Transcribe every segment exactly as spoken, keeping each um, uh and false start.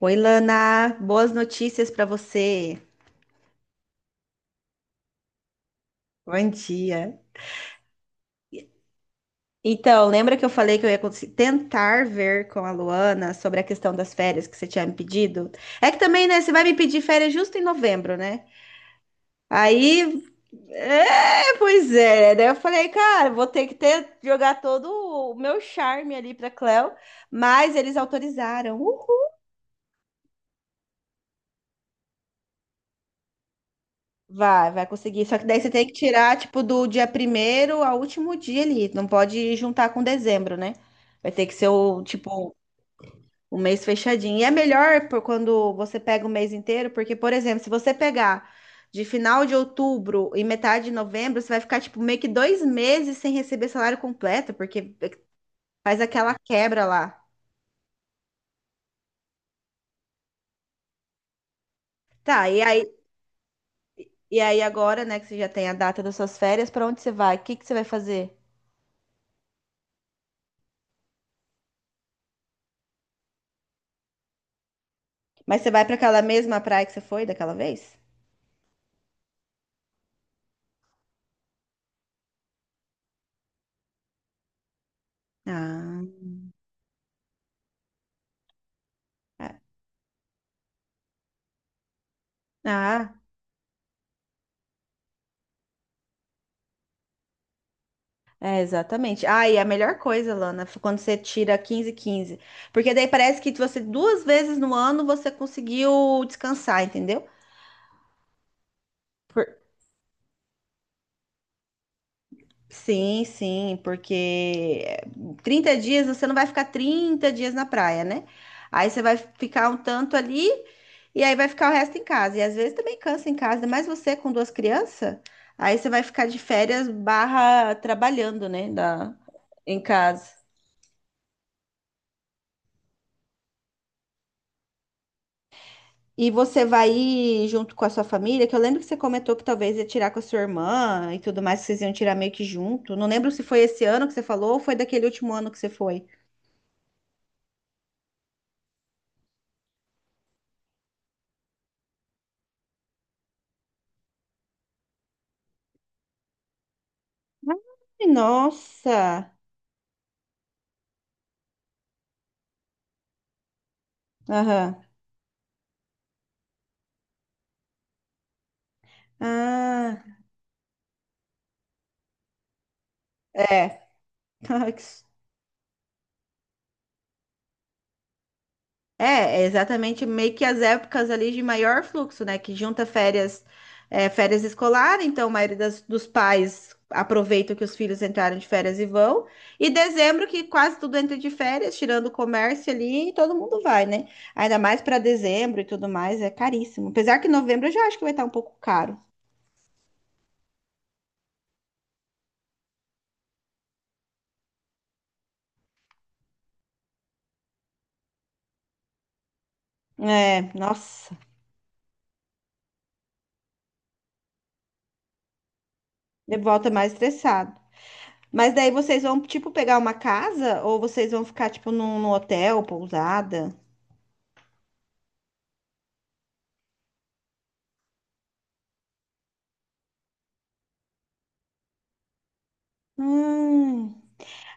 Oi, Lana, boas notícias para você. Bom dia. Então, lembra que eu falei que eu ia cons- tentar ver com a Luana sobre a questão das férias que você tinha me pedido? É que também, né, você vai me pedir férias justo em novembro, né? Aí, é, pois é. Daí eu falei, cara, vou ter que ter jogar todo o meu charme ali para Cléo, mas eles autorizaram. Vai, vai conseguir. Só que daí você tem que tirar, tipo, do dia primeiro ao último dia ali. Não pode juntar com dezembro, né? Vai ter que ser o, tipo, o mês fechadinho. E é melhor por quando você pega o mês inteiro, porque, por exemplo, se você pegar de final de outubro e metade de novembro, você vai ficar, tipo, meio que dois meses sem receber salário completo, porque faz aquela quebra lá. Tá, e aí, e aí agora, né, que você já tem a data das suas férias, pra onde você vai? O que que você vai fazer? Mas você vai pra aquela mesma praia que você foi daquela vez? Ah, é. Ah, é, exatamente. Ah, e a melhor coisa, Lana, foi quando você tira quinze, quinze. Porque daí parece que você duas vezes no ano você conseguiu descansar, entendeu? Por- Sim, sim, porque trinta dias você não vai ficar trinta dias na praia, né? Aí você vai ficar um tanto ali e aí vai ficar o resto em casa. E às vezes também cansa em casa, mas você com duas crianças, aí você vai ficar de férias barra trabalhando, né? Da, em casa. E você vai ir junto com a sua família, que eu lembro que você comentou que talvez ia tirar com a sua irmã e tudo mais, que vocês iam tirar meio que junto. Não lembro se foi esse ano que você falou ou foi daquele último ano que você foi. Ai, nossa! Aham. Ah, é. Ai, que É, é exatamente meio que as épocas ali de maior fluxo, né? Que junta férias, é, férias escolar, então a maioria das- dos pais aproveita que os filhos entraram de férias e vão. E dezembro, que quase tudo entra de férias, tirando o comércio ali, e todo mundo vai, né? Ainda mais para dezembro e tudo mais, é caríssimo. Apesar que novembro eu já acho que vai estar um pouco caro. É, nossa, de volta mais estressado. Mas daí vocês vão, tipo, pegar uma casa ou vocês vão ficar, tipo, num, num hotel, pousada? Hum.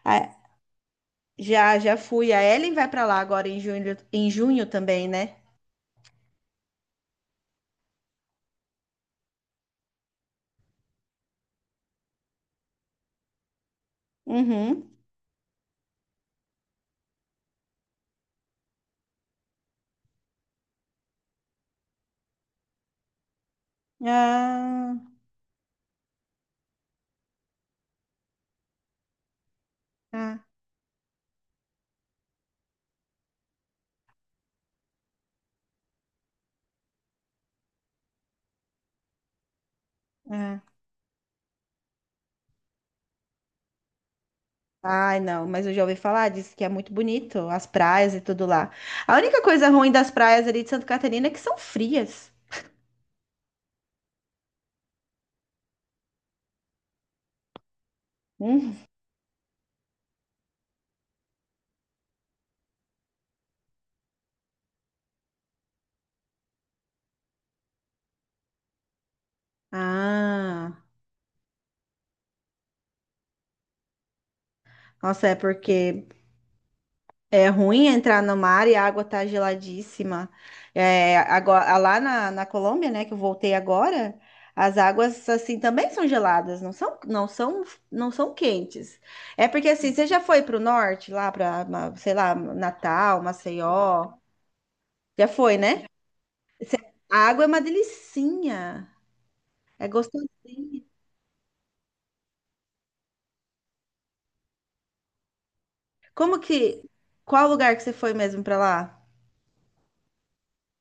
Ah, já, já fui. A Ellen vai pra lá agora em junho, em junho também, né? Uhum. Ah, ah, ah. Ai, não, mas eu já ouvi falar, disse que é muito bonito, as praias e tudo lá. A única coisa ruim das praias ali de Santa Catarina é que são frias. Hum. Ah, nossa, é porque é ruim entrar no mar e a água tá geladíssima. É, agora, lá na, na Colômbia, né, que eu voltei agora, as águas assim também são geladas, não são, não são, não são quentes. É porque assim, você já foi para o norte, lá para, sei lá, Natal, Maceió, já foi, né? A água é uma delicinha, é gostosinha. Como que, qual lugar que você foi mesmo para lá?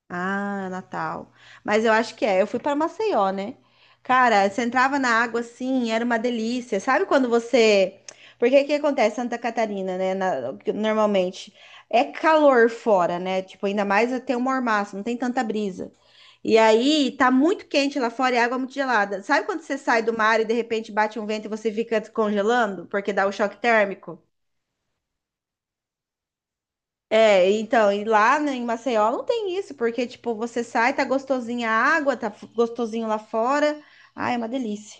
Ah, Natal. Mas eu acho que é. Eu fui para Maceió, né? Cara, você entrava na água assim, era uma delícia. Sabe quando você. Porque o que acontece em Santa Catarina, né? na- Normalmente é calor fora, né? Tipo, ainda mais tem um mormaço, não tem tanta brisa. E aí tá muito quente lá fora e a água é muito gelada. Sabe quando você sai do mar e de repente bate um vento e você fica descongelando porque dá o choque térmico? É, então, e lá né, em Maceió não tem isso, porque, tipo, você sai, tá gostosinha a água, tá f- gostosinho lá fora. Ai, é uma delícia.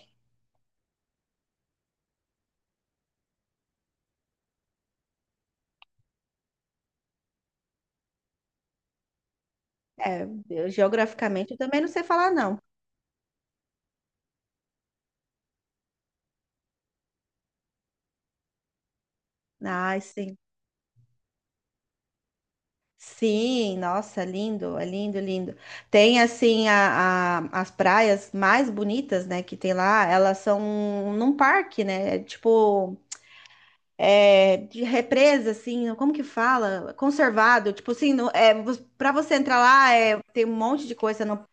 É, eu, geograficamente eu também não sei falar, não. Ai, sim. Sim, nossa, é lindo, é lindo, lindo. Tem, assim, a, a- as praias mais bonitas, né, que tem lá, elas são num parque, né, é tipo... É, de represa, assim, como que fala? Conservado, tipo assim, não, é, para você entrar lá, é, tem um monte de coisa no.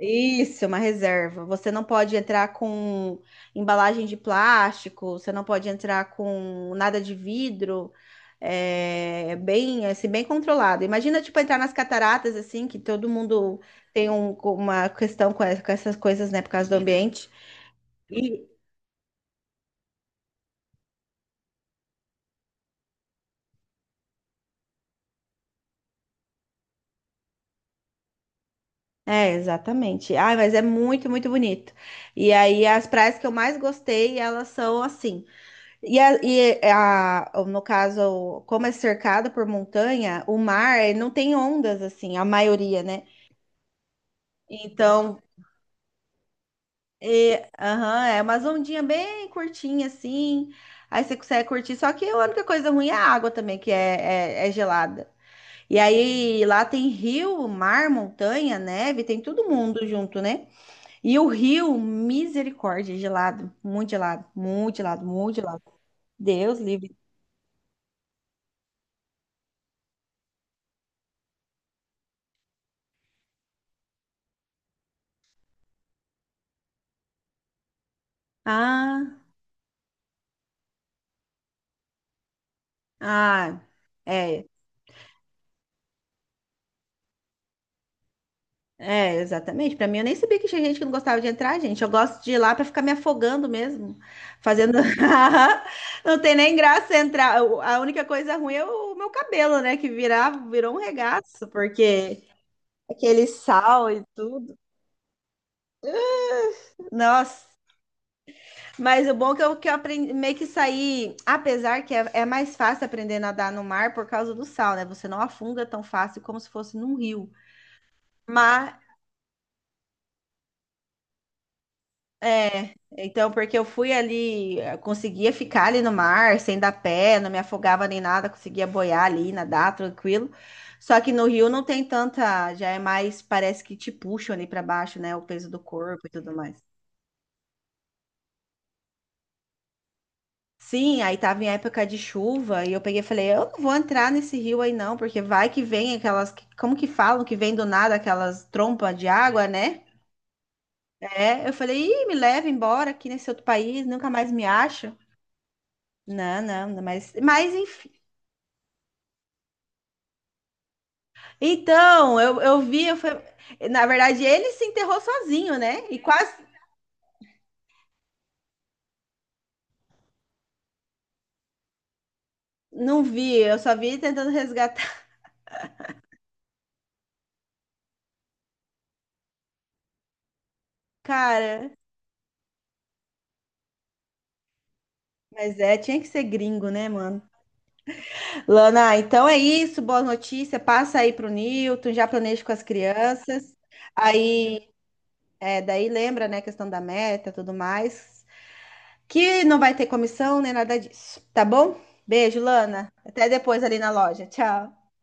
Isso, uma reserva. Você não pode entrar com embalagem de plástico, você não pode entrar com nada de vidro. É bem, assim, bem controlado. Imagina, tipo, entrar nas cataratas, assim, que todo mundo tem um- uma questão com essa- com essas coisas, né, por causa do ambiente. E- é, exatamente. Ai, mas é muito, muito bonito. E aí, as praias que eu mais gostei, elas são assim. E, a- e a- no caso, como é cercado por montanha, o mar eh, não tem ondas, assim, a maioria, né? Então, é, aham, é umas ondinhas bem curtinha assim. Aí você consegue curtir. Só que a única coisa ruim é a água também, que é, é, é gelada. E aí lá tem rio, mar, montanha, neve, tem todo mundo junto, né? E o rio, misericórdia, gelado, muito gelado, muito gelado, muito gelado. Deus livre. Ah. Ah, é, é, exatamente. Pra mim, eu nem sabia que tinha gente que não gostava de entrar, gente. Eu gosto de ir lá pra ficar me afogando mesmo, fazendo. Não tem nem graça entrar. O- A única coisa ruim é o meu cabelo, né? Que virar, virou um regaço, porque aquele sal e tudo. Nossa. Mas o bom é que eu, que eu aprendi meio que sair, apesar que é, é mais fácil aprender a nadar no mar por causa do sal, né? Você não afunda tão fácil como se fosse num rio. Mas É, então, porque eu fui ali, eh, conseguia ficar ali no mar, sem dar pé, não me afogava nem nada, conseguia boiar ali, nadar tranquilo. Só que no rio não tem tanta, já é mais, parece que te puxam ali pra baixo, né? O peso do corpo e tudo mais. Sim, aí tava em época de chuva e eu peguei e falei, eu não vou entrar nesse rio aí não, porque vai que vem aquelas, como que falam que vem do nada aquelas trompas de água, né? É, eu falei, Ih, me leva embora aqui nesse outro país, nunca mais me acho. Não, não, não, mas, mas enfim. Então, eu, eu vi, eu fui- na verdade, ele se enterrou sozinho, né? E quase não vi, eu só vi ele tentando resgatar. Cara, mas é, tinha que ser gringo, né, mano? Lana, então é isso, boa notícia. Passa aí pro Newton, já planeja com as crianças. Aí, é, daí lembra, né, a questão da meta, tudo mais. Que não vai ter comissão nem nada disso, tá bom? Beijo, Lana. Até depois ali na loja. Tchau.